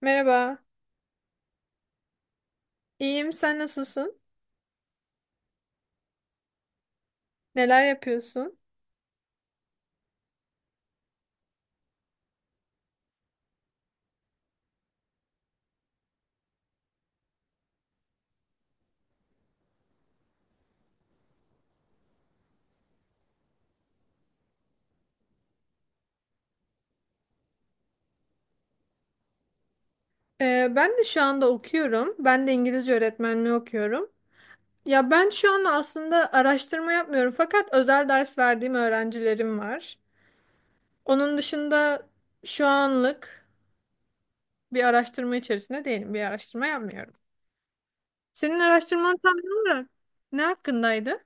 Merhaba. İyiyim, sen nasılsın? Neler yapıyorsun? Ben de şu anda okuyorum. Ben de İngilizce öğretmenliği okuyorum. Ya ben şu anda aslında araştırma yapmıyorum fakat özel ders verdiğim öğrencilerim var. Onun dışında şu anlık bir araştırma içerisinde değilim. Bir araştırma yapmıyorum. Senin araştırman tam olarak ne hakkındaydı?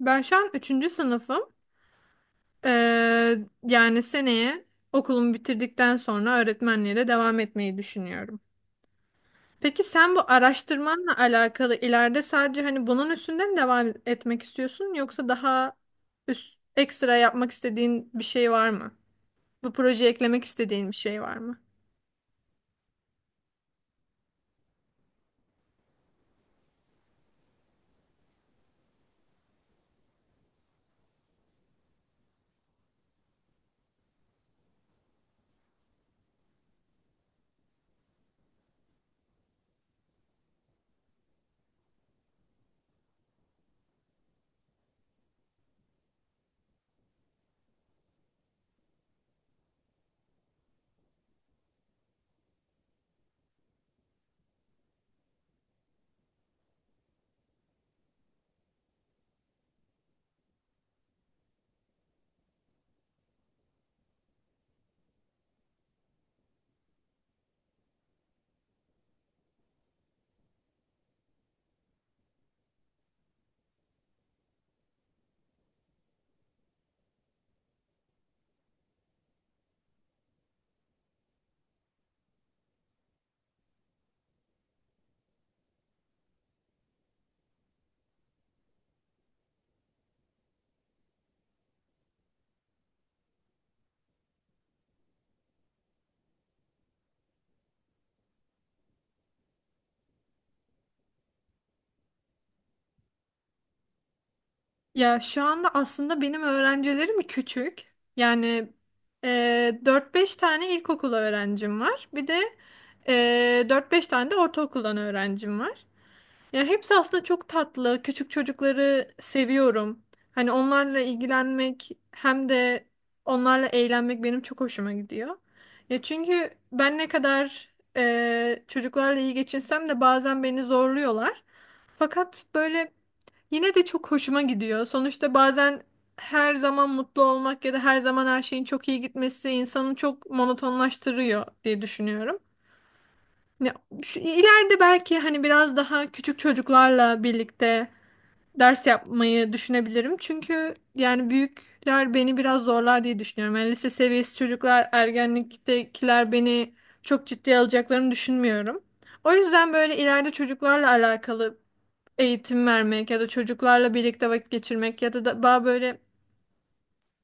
Ben şu an üçüncü sınıfım. Ee, Yani seneye okulumu bitirdikten sonra öğretmenliğe de devam etmeyi düşünüyorum. Peki sen bu araştırmanla alakalı ileride sadece hani bunun üstünde mi devam etmek istiyorsun yoksa daha üst, ekstra yapmak istediğin bir şey var mı? Bu projeye eklemek istediğin bir şey var mı? Ya şu anda aslında benim öğrencilerim küçük. Yani e, 4-5 tane ilkokul öğrencim var. Bir de e, 4-5 tane de ortaokuldan öğrencim var. Ya hepsi aslında çok tatlı. Küçük çocukları seviyorum. Hani onlarla ilgilenmek hem de onlarla eğlenmek benim çok hoşuma gidiyor. Ya çünkü ben ne kadar çocuklarla iyi geçinsem de bazen beni zorluyorlar. Fakat böyle yine de çok hoşuma gidiyor. Sonuçta bazen her zaman mutlu olmak ya da her zaman her şeyin çok iyi gitmesi insanı çok monotonlaştırıyor diye düşünüyorum. Ya, şu, ileride belki hani biraz daha küçük çocuklarla birlikte ders yapmayı düşünebilirim. Çünkü yani büyükler beni biraz zorlar diye düşünüyorum. Yani lise seviyesi çocuklar, ergenliktekiler beni çok ciddiye alacaklarını düşünmüyorum. O yüzden böyle ileride çocuklarla alakalı eğitim vermek ya da çocuklarla birlikte vakit geçirmek ya da daha böyle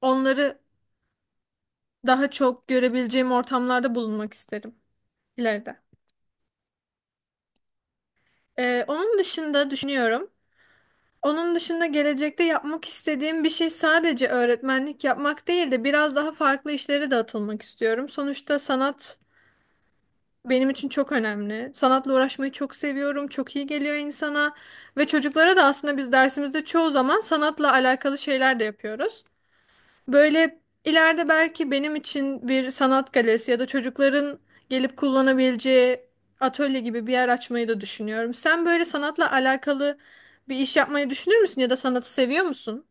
onları daha çok görebileceğim ortamlarda bulunmak isterim ileride. Onun dışında düşünüyorum. Onun dışında gelecekte yapmak istediğim bir şey sadece öğretmenlik yapmak değil de biraz daha farklı işlere de atılmak istiyorum. Sonuçta sanat benim için çok önemli. Sanatla uğraşmayı çok seviyorum. Çok iyi geliyor insana. Ve çocuklara da aslında biz dersimizde çoğu zaman sanatla alakalı şeyler de yapıyoruz. Böyle ileride belki benim için bir sanat galerisi ya da çocukların gelip kullanabileceği atölye gibi bir yer açmayı da düşünüyorum. Sen böyle sanatla alakalı bir iş yapmayı düşünür müsün ya da sanatı seviyor musun?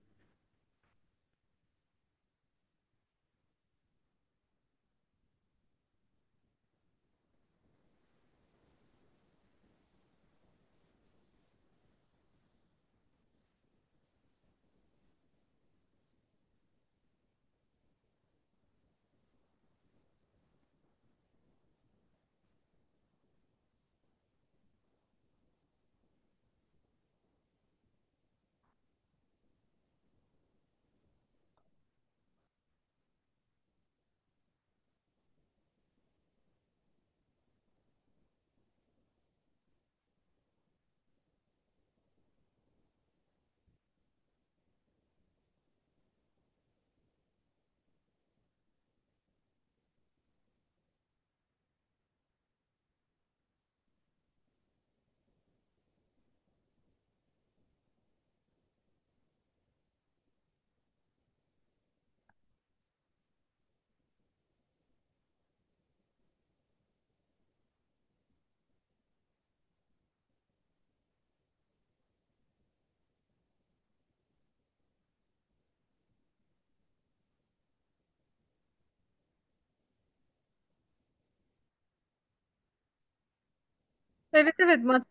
Evet evet,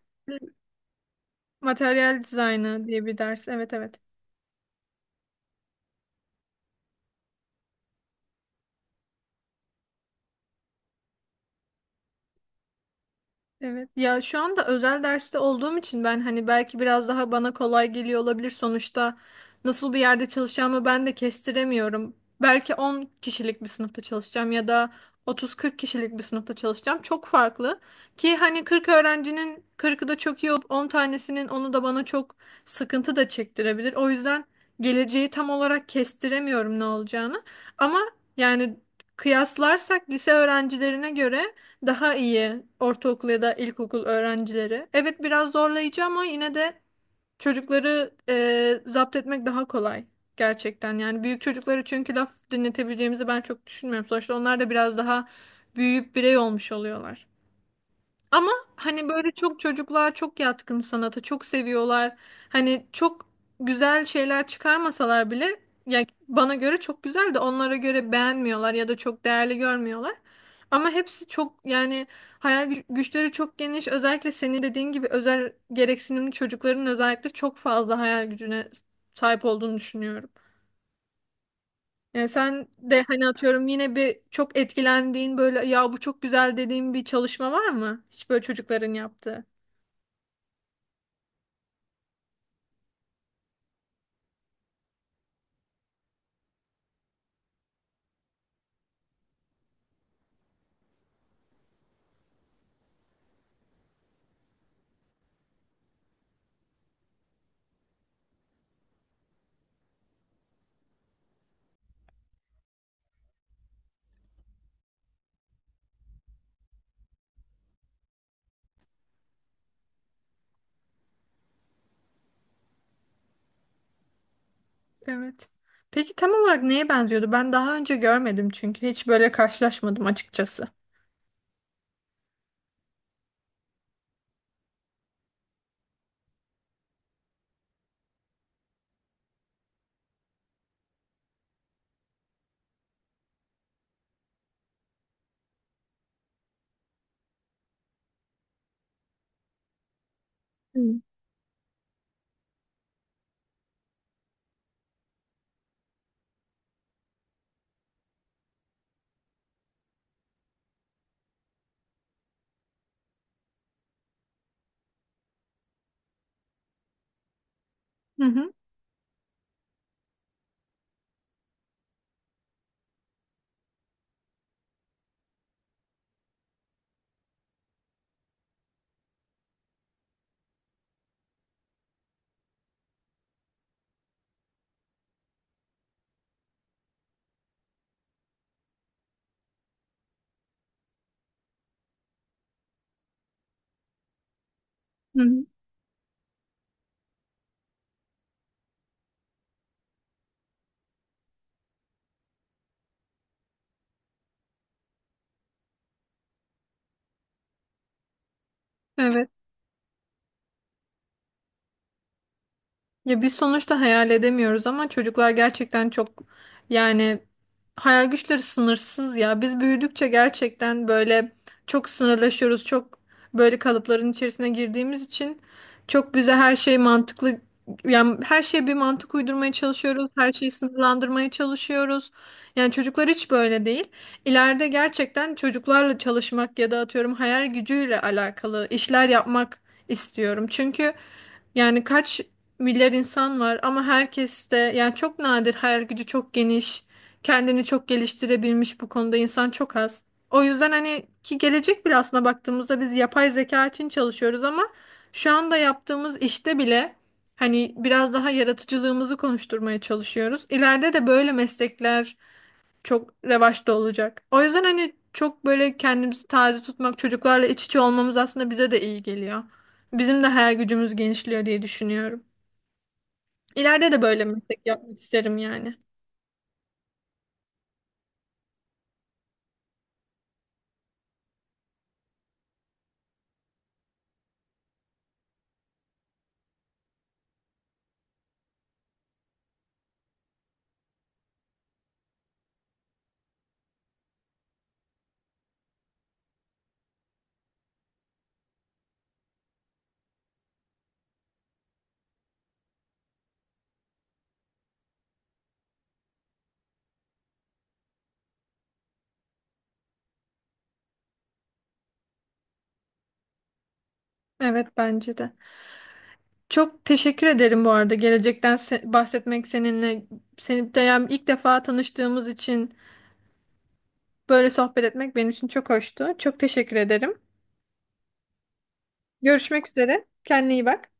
materyal dizaynı diye bir ders. Evet evet. Evet. Ya şu anda özel derste olduğum için ben hani belki biraz daha bana kolay geliyor olabilir. Sonuçta nasıl bir yerde çalışacağımı ben de kestiremiyorum. Belki 10 kişilik bir sınıfta çalışacağım ya da otuz kırk kişilik bir sınıfta çalışacağım. Çok farklı. Ki hani 40 öğrencinin kırkı da çok iyi olup 10 tanesinin onu da bana çok sıkıntı da çektirebilir. O yüzden geleceği tam olarak kestiremiyorum ne olacağını. Ama yani kıyaslarsak lise öğrencilerine göre daha iyi ortaokul ya da ilkokul öğrencileri. Evet biraz zorlayıcı ama yine de çocukları zapt etmek daha kolay gerçekten. Yani büyük çocukları çünkü laf dinletebileceğimizi ben çok düşünmüyorum. Sonuçta onlar da biraz daha büyüyüp birey olmuş oluyorlar. Ama hani böyle çok çocuklar çok yatkın sanata, çok seviyorlar. Hani çok güzel şeyler çıkarmasalar bile yani bana göre çok güzel de onlara göre beğenmiyorlar ya da çok değerli görmüyorlar. Ama hepsi çok yani hayal güçleri çok geniş. Özellikle senin dediğin gibi özel gereksinimli çocukların özellikle çok fazla hayal gücüne sahip olduğunu düşünüyorum. Yani sen de hani atıyorum yine bir çok etkilendiğin böyle ya bu çok güzel dediğin bir çalışma var mı? Hiç böyle çocukların yaptığı. Evet. Peki tam olarak neye benziyordu? Ben daha önce görmedim çünkü hiç böyle karşılaşmadım açıkçası. Hı hı. Hı. Evet. Ya biz sonuçta hayal edemiyoruz ama çocuklar gerçekten çok, yani hayal güçleri sınırsız ya. Biz büyüdükçe gerçekten böyle çok sınırlaşıyoruz. Çok böyle kalıpların içerisine girdiğimiz için çok bize her şey mantıklı, yani her şeye bir mantık uydurmaya çalışıyoruz. Her şeyi sınırlandırmaya çalışıyoruz. Yani çocuklar hiç böyle değil. İleride gerçekten çocuklarla çalışmak ya da atıyorum hayal gücüyle alakalı işler yapmak istiyorum. Çünkü yani kaç milyar insan var ama herkes de yani çok nadir hayal gücü çok geniş, kendini çok geliştirebilmiş bu konuda insan çok az. O yüzden hani ki gelecek bile aslında baktığımızda biz yapay zeka için çalışıyoruz ama şu anda yaptığımız işte bile hani biraz daha yaratıcılığımızı konuşturmaya çalışıyoruz. İleride de böyle meslekler çok revaçta olacak. O yüzden hani çok böyle kendimizi taze tutmak, çocuklarla iç içe olmamız aslında bize de iyi geliyor. Bizim de hayal gücümüz genişliyor diye düşünüyorum. İleride de böyle meslek yapmak isterim yani. Evet bence de. Çok teşekkür ederim bu arada gelecekten bahsetmek seninle. Seni de yani ilk defa tanıştığımız için böyle sohbet etmek benim için çok hoştu. Çok teşekkür ederim. Görüşmek üzere. Kendine iyi bak.